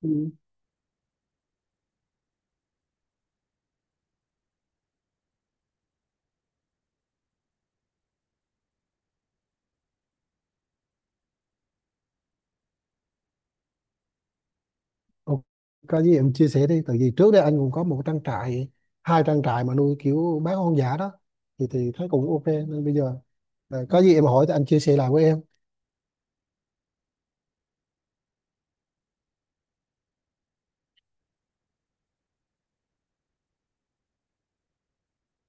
Ừ. Ok, có gì em chia sẻ đi tại vì trước đây anh cũng có một trang trại, hai trang trại mà nuôi kiểu bán hoang dã đó, thì thấy cũng ok nên bây giờ là có gì em hỏi thì anh chia sẻ lại với em.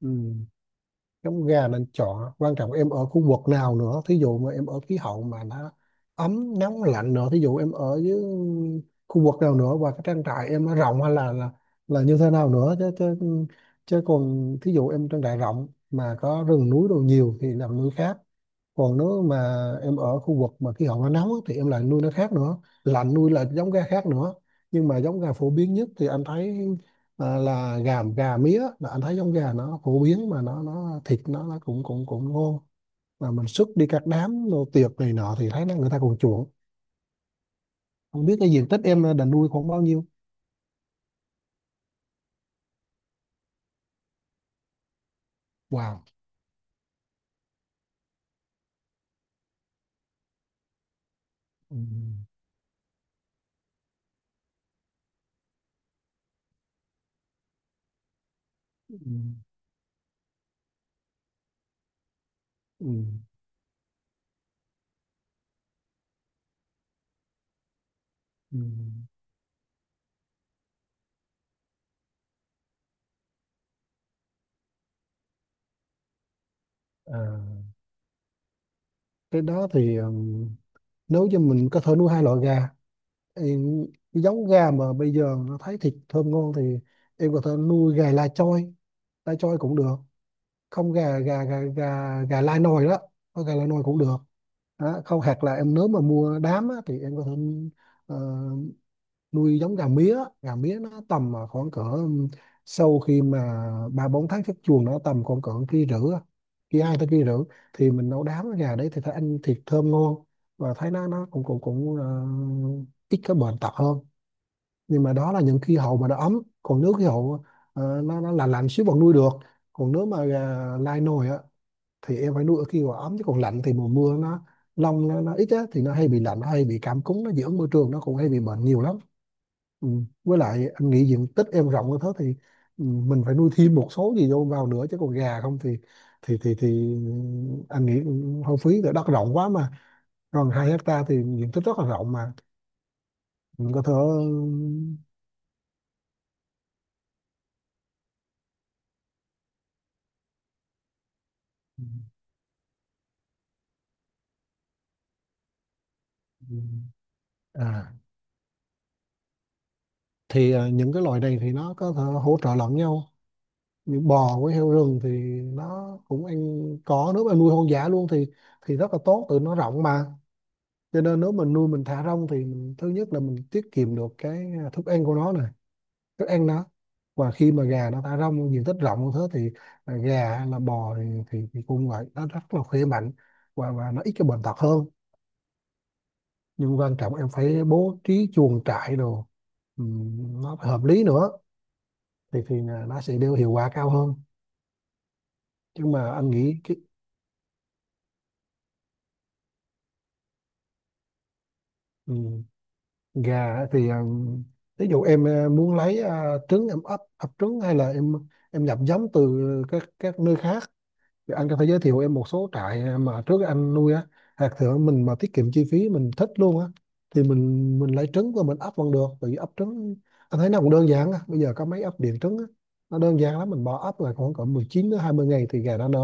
Ừ. Giống gà nên chọn, quan trọng em ở khu vực nào nữa, thí dụ mà em ở khí hậu mà nó ấm, nóng, lạnh nữa, thí dụ em ở dưới khu vực nào nữa, và cái trang trại em nó rộng hay là là như thế nào nữa chứ chứ, chứ còn thí dụ em trang trại rộng mà có rừng núi đồ nhiều thì làm nuôi khác, còn nếu mà em ở khu vực mà khí hậu nó nóng á, thì em lại nuôi nó khác nữa, lạnh nuôi là giống gà khác nữa. Nhưng mà giống gà phổ biến nhất thì anh thấy là gà gà mía, là anh thấy giống gà nó phổ biến mà nó thịt, nó cũng cũng cũng ngon, mà mình xuất đi các đám đồ tiệc này nọ thì thấy nó người ta còn chuộng. Không biết cái diện tích em định nuôi khoảng bao nhiêu? Wow. Ừ. Ừ. Ừ. Ừ. À, cái đó thì nếu cho mình có thể nuôi hai loại gà, em, cái giống gà mà bây giờ nó thấy thịt thơm ngon thì em có thể nuôi gà lai choi, cũng được, không gà gà gà gà gà lai nồi đó, có gà lai nồi cũng được đó. Không hoặc là em nếu mà mua đám á, thì em có thể ờ, nuôi giống gà mía, gà mía nó tầm khoảng cỡ sau khi mà 3 4 tháng xuất chuồng nó tầm khoảng cỡ kia rưỡi á, kia hai tới kia rưỡi, thì mình nấu đám gà đấy thì thấy ăn thịt thơm ngon và thấy nó cũng cũng cũng ờ, ít cái bệnh tật hơn. Nhưng mà đó là những khí hậu mà nó ấm, còn nếu khí hậu nó là lạnh xíu vẫn nuôi được, còn nếu mà gà lai nồi á thì em phải nuôi ở khi mà ấm, chứ còn lạnh thì mùa mưa nó lông nó ít á thì nó hay bị lạnh, nó hay bị cảm cúm, nó dị ứng môi trường, nó cũng hay bị bệnh nhiều lắm. Ừ. Với lại anh nghĩ diện tích em rộng như thế thì mình phải nuôi thêm một số gì vô vào nữa, chứ còn gà không thì thì thì thì anh nghĩ cũng hơi phí, tại đất rộng quá mà, còn 2 hecta thì diện tích rất là rộng mà mình có thể ừ, ừ, à, những cái loài này thì nó có thể hỗ trợ lẫn nhau, như bò với heo rừng thì nó cũng ăn có, nếu mà nuôi hoang dã luôn thì rất là tốt, tụi nó rộng mà, cho nên nếu mình nuôi mình thả rông thì mình, thứ nhất là mình tiết kiệm được cái thức ăn của nó này, thức ăn nó. Và khi mà gà nó thả rông diện tích rộng như thế thì gà hay là bò thì, cũng vậy, nó rất là khỏe mạnh và nó ít cái bệnh tật hơn. Nhưng quan trọng em phải bố trí chuồng trại đồ, ừ, nó phải hợp lý nữa thì là nó sẽ đưa hiệu quả cao hơn, chứ mà anh nghĩ cái, ừ, gà á thì ví dụ em muốn lấy trứng, em ấp ấp trứng hay là em nhập giống từ các nơi khác. Thì anh có thể giới thiệu em một số trại mà trước anh nuôi á, hạt thượng mình mà tiết kiệm chi phí mình thích luôn á, thì mình lấy trứng và mình ấp vẫn được, bởi vì ấp trứng anh thấy nó cũng đơn giản á, bây giờ có mấy ấp điện trứng á, nó đơn giản lắm, mình bỏ ấp là khoảng cỡ 19 đến 20 ngày thì gà nó nở,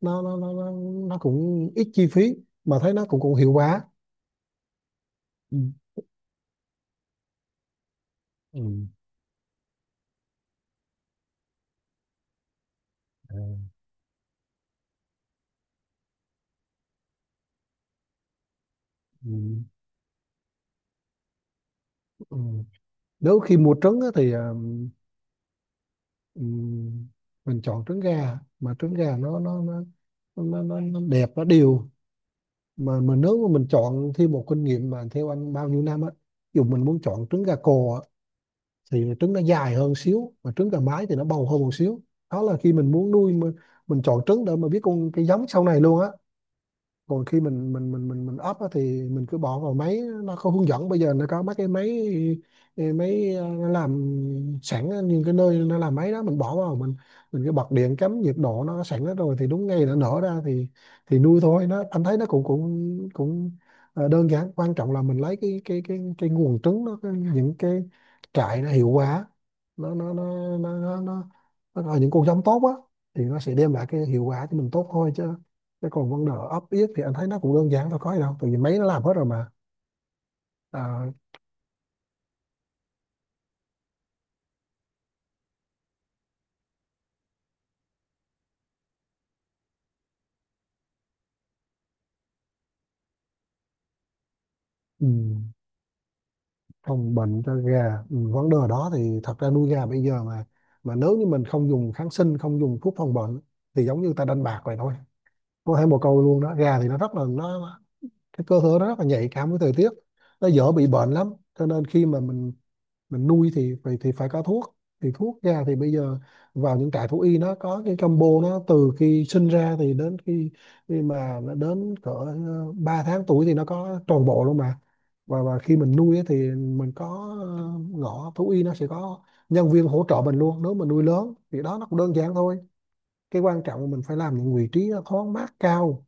nó nó nó nó, nó cũng ít chi phí mà thấy nó cũng cũng hiệu quả. Ừ. Ừ. Ừ. Ừ. Ừ. Nếu khi mua trứng á, thì ừ, mình chọn trứng gà, mà trứng gà nó đẹp, nó đều, mà nếu mà mình chọn thêm một kinh nghiệm mà theo anh bao nhiêu năm á, dù mình muốn chọn trứng gà cò á, thì trứng nó dài hơn xíu, mà trứng gà mái thì nó bầu hơn một xíu. Đó là khi mình muốn nuôi mình chọn trứng để mà biết con cái giống sau này luôn á. Còn khi mình up á, thì mình cứ bỏ vào máy, nó có hướng dẫn, bây giờ nó có mấy cái máy nó làm sẵn á, những cái nơi nó làm máy đó, mình bỏ vào mình cứ bật điện, cắm nhiệt độ nó sẵn hết rồi thì đúng ngày nó nở ra thì nuôi thôi. Nó anh thấy nó cũng cũng cũng ờ, đơn giản, quan trọng là mình lấy cái nguồn trứng nó những cái trại nó hiệu quả, nó nó nó nó nó, nó, nó những con giống tốt á thì nó sẽ đem lại cái hiệu quả cho mình tốt thôi chứ. Thế còn vấn đề ấp yết thì anh thấy nó cũng đơn giản thôi, có gì đâu, tại vì máy nó làm hết rồi mà. à, ừ, Phòng bệnh cho gà, ừ, vấn đề đó thì thật ra nuôi gà bây giờ mà nếu như mình không dùng kháng sinh, không dùng thuốc phòng bệnh thì giống như ta đánh bạc vậy thôi, có thể một câu luôn đó. Gà thì nó rất là nó, cái cơ thể nó rất là nhạy cảm với thời tiết, nó dễ bị bệnh lắm, cho nên khi mà mình nuôi thì phải có thuốc. Thì thuốc ra thì bây giờ vào những trại thú y nó có cái combo, nó từ khi sinh ra thì đến khi khi mà nó đến cỡ 3 tháng tuổi thì nó có toàn bộ luôn mà. Và khi mình nuôi ấy thì mình có ngõ thú y, nó sẽ có nhân viên hỗ trợ mình luôn, nếu mình nuôi lớn thì đó, nó cũng đơn giản thôi. Cái quan trọng là mình phải làm những vị trí nó thoáng mát cao,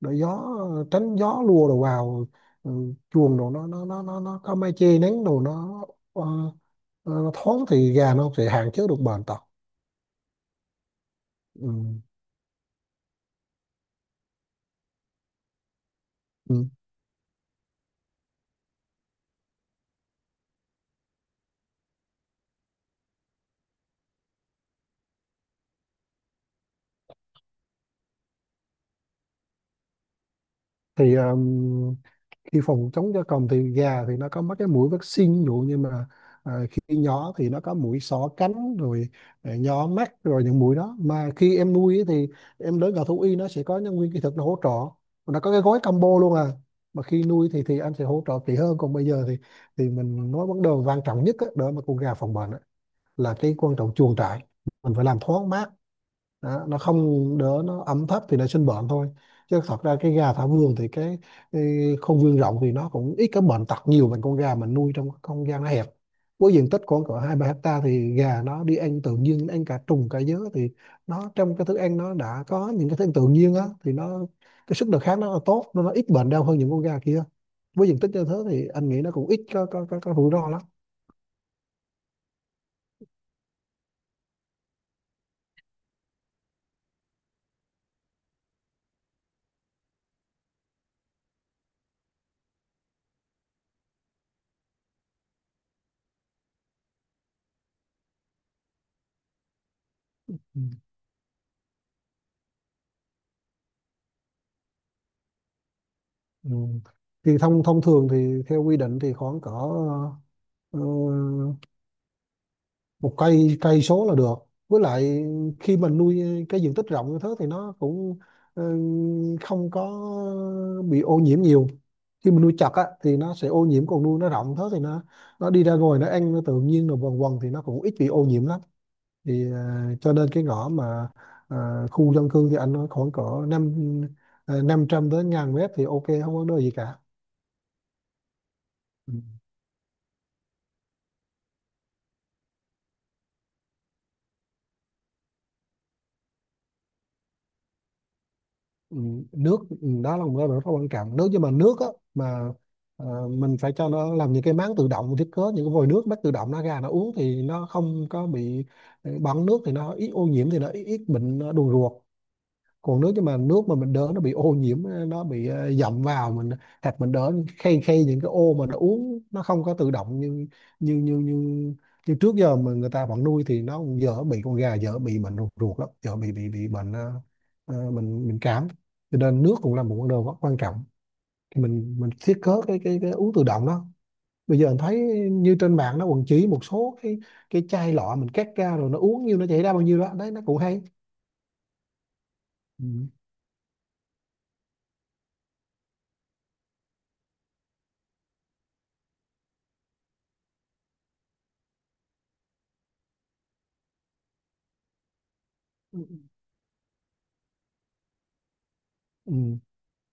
để gió, tránh gió lùa đồ vào, ừ, chuồng đồ nó có mái che nắng đồ nó, ờ, nó thoáng thì gà nó sẽ hạn chế được bệnh tật. Ừ. Ừ. Thì khi phòng chống gia cầm thì gà thì nó có mấy cái mũi vaccine, ví dụ như mà khi nhỏ thì nó có mũi xỏ cánh rồi nhỏ mắt, rồi những mũi đó, mà khi em nuôi ấy thì em đến vào thú y, nó sẽ có nhân viên kỹ thuật nó hỗ trợ, nó có cái gói combo luôn à, mà khi nuôi thì anh sẽ hỗ trợ kỹ hơn. Còn bây giờ thì mình nói vấn đề quan trọng nhất á, để mà con gà phòng bệnh là cái quan trọng chuồng trại, mình phải làm thoáng mát đó, nó không đỡ, nó ẩm thấp thì nó sinh bệnh thôi, chứ thật ra cái gà thả vườn thì cái không gian rộng thì nó cũng ít cái bệnh tật nhiều bằng con gà mình nuôi trong cái không gian nó hẹp. Với diện tích khoảng cỡ 2 3 hecta thì gà nó đi ăn tự nhiên, ăn cả trùng cả dứa thì nó trong cái thức ăn nó đã có những cái thức ăn tự nhiên á, thì nó cái sức đề kháng nó là tốt nên nó ít bệnh đau hơn những con gà kia. Với diện tích như thế thì anh nghĩ nó cũng ít có rủi ro lắm. Ừ. Ừ. Thì thông thông thường thì theo quy định thì khoảng cỡ ờ, một cây cây số là được. Với lại khi mình nuôi cái diện tích rộng như thế thì nó cũng ờ, không có bị ô nhiễm nhiều. Khi mình nuôi chặt á, thì nó sẽ ô nhiễm, còn nuôi nó rộng thế thì nó đi ra ngoài, nó ăn nó tự nhiên rồi quần quần thì nó cũng ít bị ô nhiễm lắm. Thì cho nên cái ngõ mà khu dân cư thì anh nói khoảng cỡ năm 500 đến 1.000 mét thì ok, không có vấn đề gì cả. Ừ. ừ, Nước, ừ, đó là một cái rất là quan trọng, nếu như mà nước á, mà mình phải cho nó làm những cái máng tự động, thiết kế những cái vòi nước bắt tự động nó ra nó uống thì nó không có bị bẩn nước thì nó ít ô nhiễm, thì nó ít bệnh đường ruột. Còn nước, nhưng mà nước mà mình đỡ nó bị ô nhiễm, nó bị dậm vào mình, hoặc mình đỡ khay khay những cái ô mà nó uống, nó không có tự động như như như như như trước giờ mà người ta vẫn nuôi thì nó cũng dễ bị, con gà dễ bị bệnh ruột lắm, dễ bị bệnh bệnh bệnh cảm, cho nên nước cũng là một vấn đề rất quan trọng. Thì mình thiết kế cái uống tự động đó, bây giờ mình thấy như trên mạng nó quần chỉ một số cái chai lọ mình cắt ra rồi nó uống nhiêu nó chảy ra bao nhiêu đó đấy, nó cũng hay. Ừ. Ừ.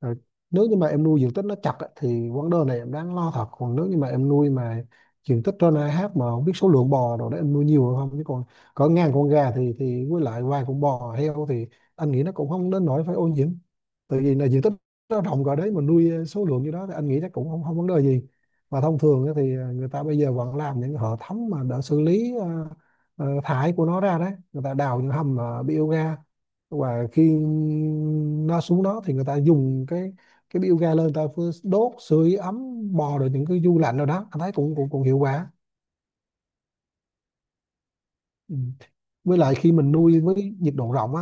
Rồi, nếu như mà em nuôi diện tích nó chặt á, thì vấn đề này em đáng lo thật, còn nếu như mà em nuôi mà diện tích trên AH, mà không biết số lượng bò rồi đó em nuôi nhiều hay không, chứ còn có ngàn con gà thì với lại vài con bò heo thì anh nghĩ nó cũng không đến nỗi phải ô nhiễm, tại vì là diện tích nó rộng rồi đấy mà nuôi số lượng như đó thì anh nghĩ chắc cũng không không vấn đề gì. Mà thông thường á thì người ta bây giờ vẫn làm những hệ thống mà đã xử lý thải của nó ra đấy, người ta đào những hầm biogas, và khi nó xuống đó thì người ta dùng cái bioga ga lên, người ta vừa đốt sưởi ấm bò, rồi những cái du lạnh rồi đó, anh thấy cũng cũng, cũng hiệu quả. Ừ. Với lại khi mình nuôi với nhiệt độ rộng á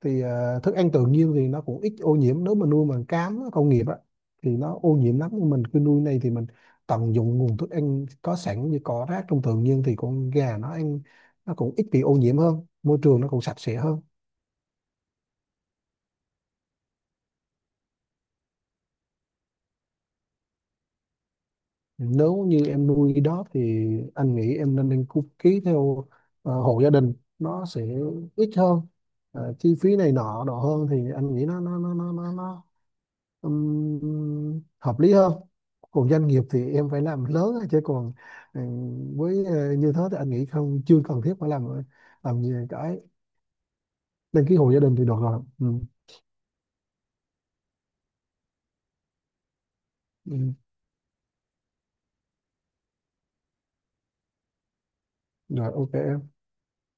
thì thức ăn tự nhiên thì nó cũng ít ô nhiễm. Nếu mà nuôi bằng cám á, công nghiệp á, thì nó ô nhiễm lắm, nhưng mình cứ nuôi này thì mình tận dụng nguồn thức ăn có sẵn như cỏ rác trong tự nhiên thì con gà nó ăn, nó cũng ít bị ô nhiễm hơn, môi trường nó cũng sạch sẽ hơn. Nếu như em nuôi đó thì anh nghĩ em nên đăng ký, ký theo hộ gia đình, nó sẽ ít hơn. Chi phí này nọ nọ hơn thì anh nghĩ nó hợp lý hơn. Còn doanh nghiệp thì em phải làm lớn á, chứ còn như thế thì anh nghĩ không, chưa cần thiết phải làm gì cái, đăng ký hộ gia đình thì được rồi. Ừ. Ừ. Rồi, ok em.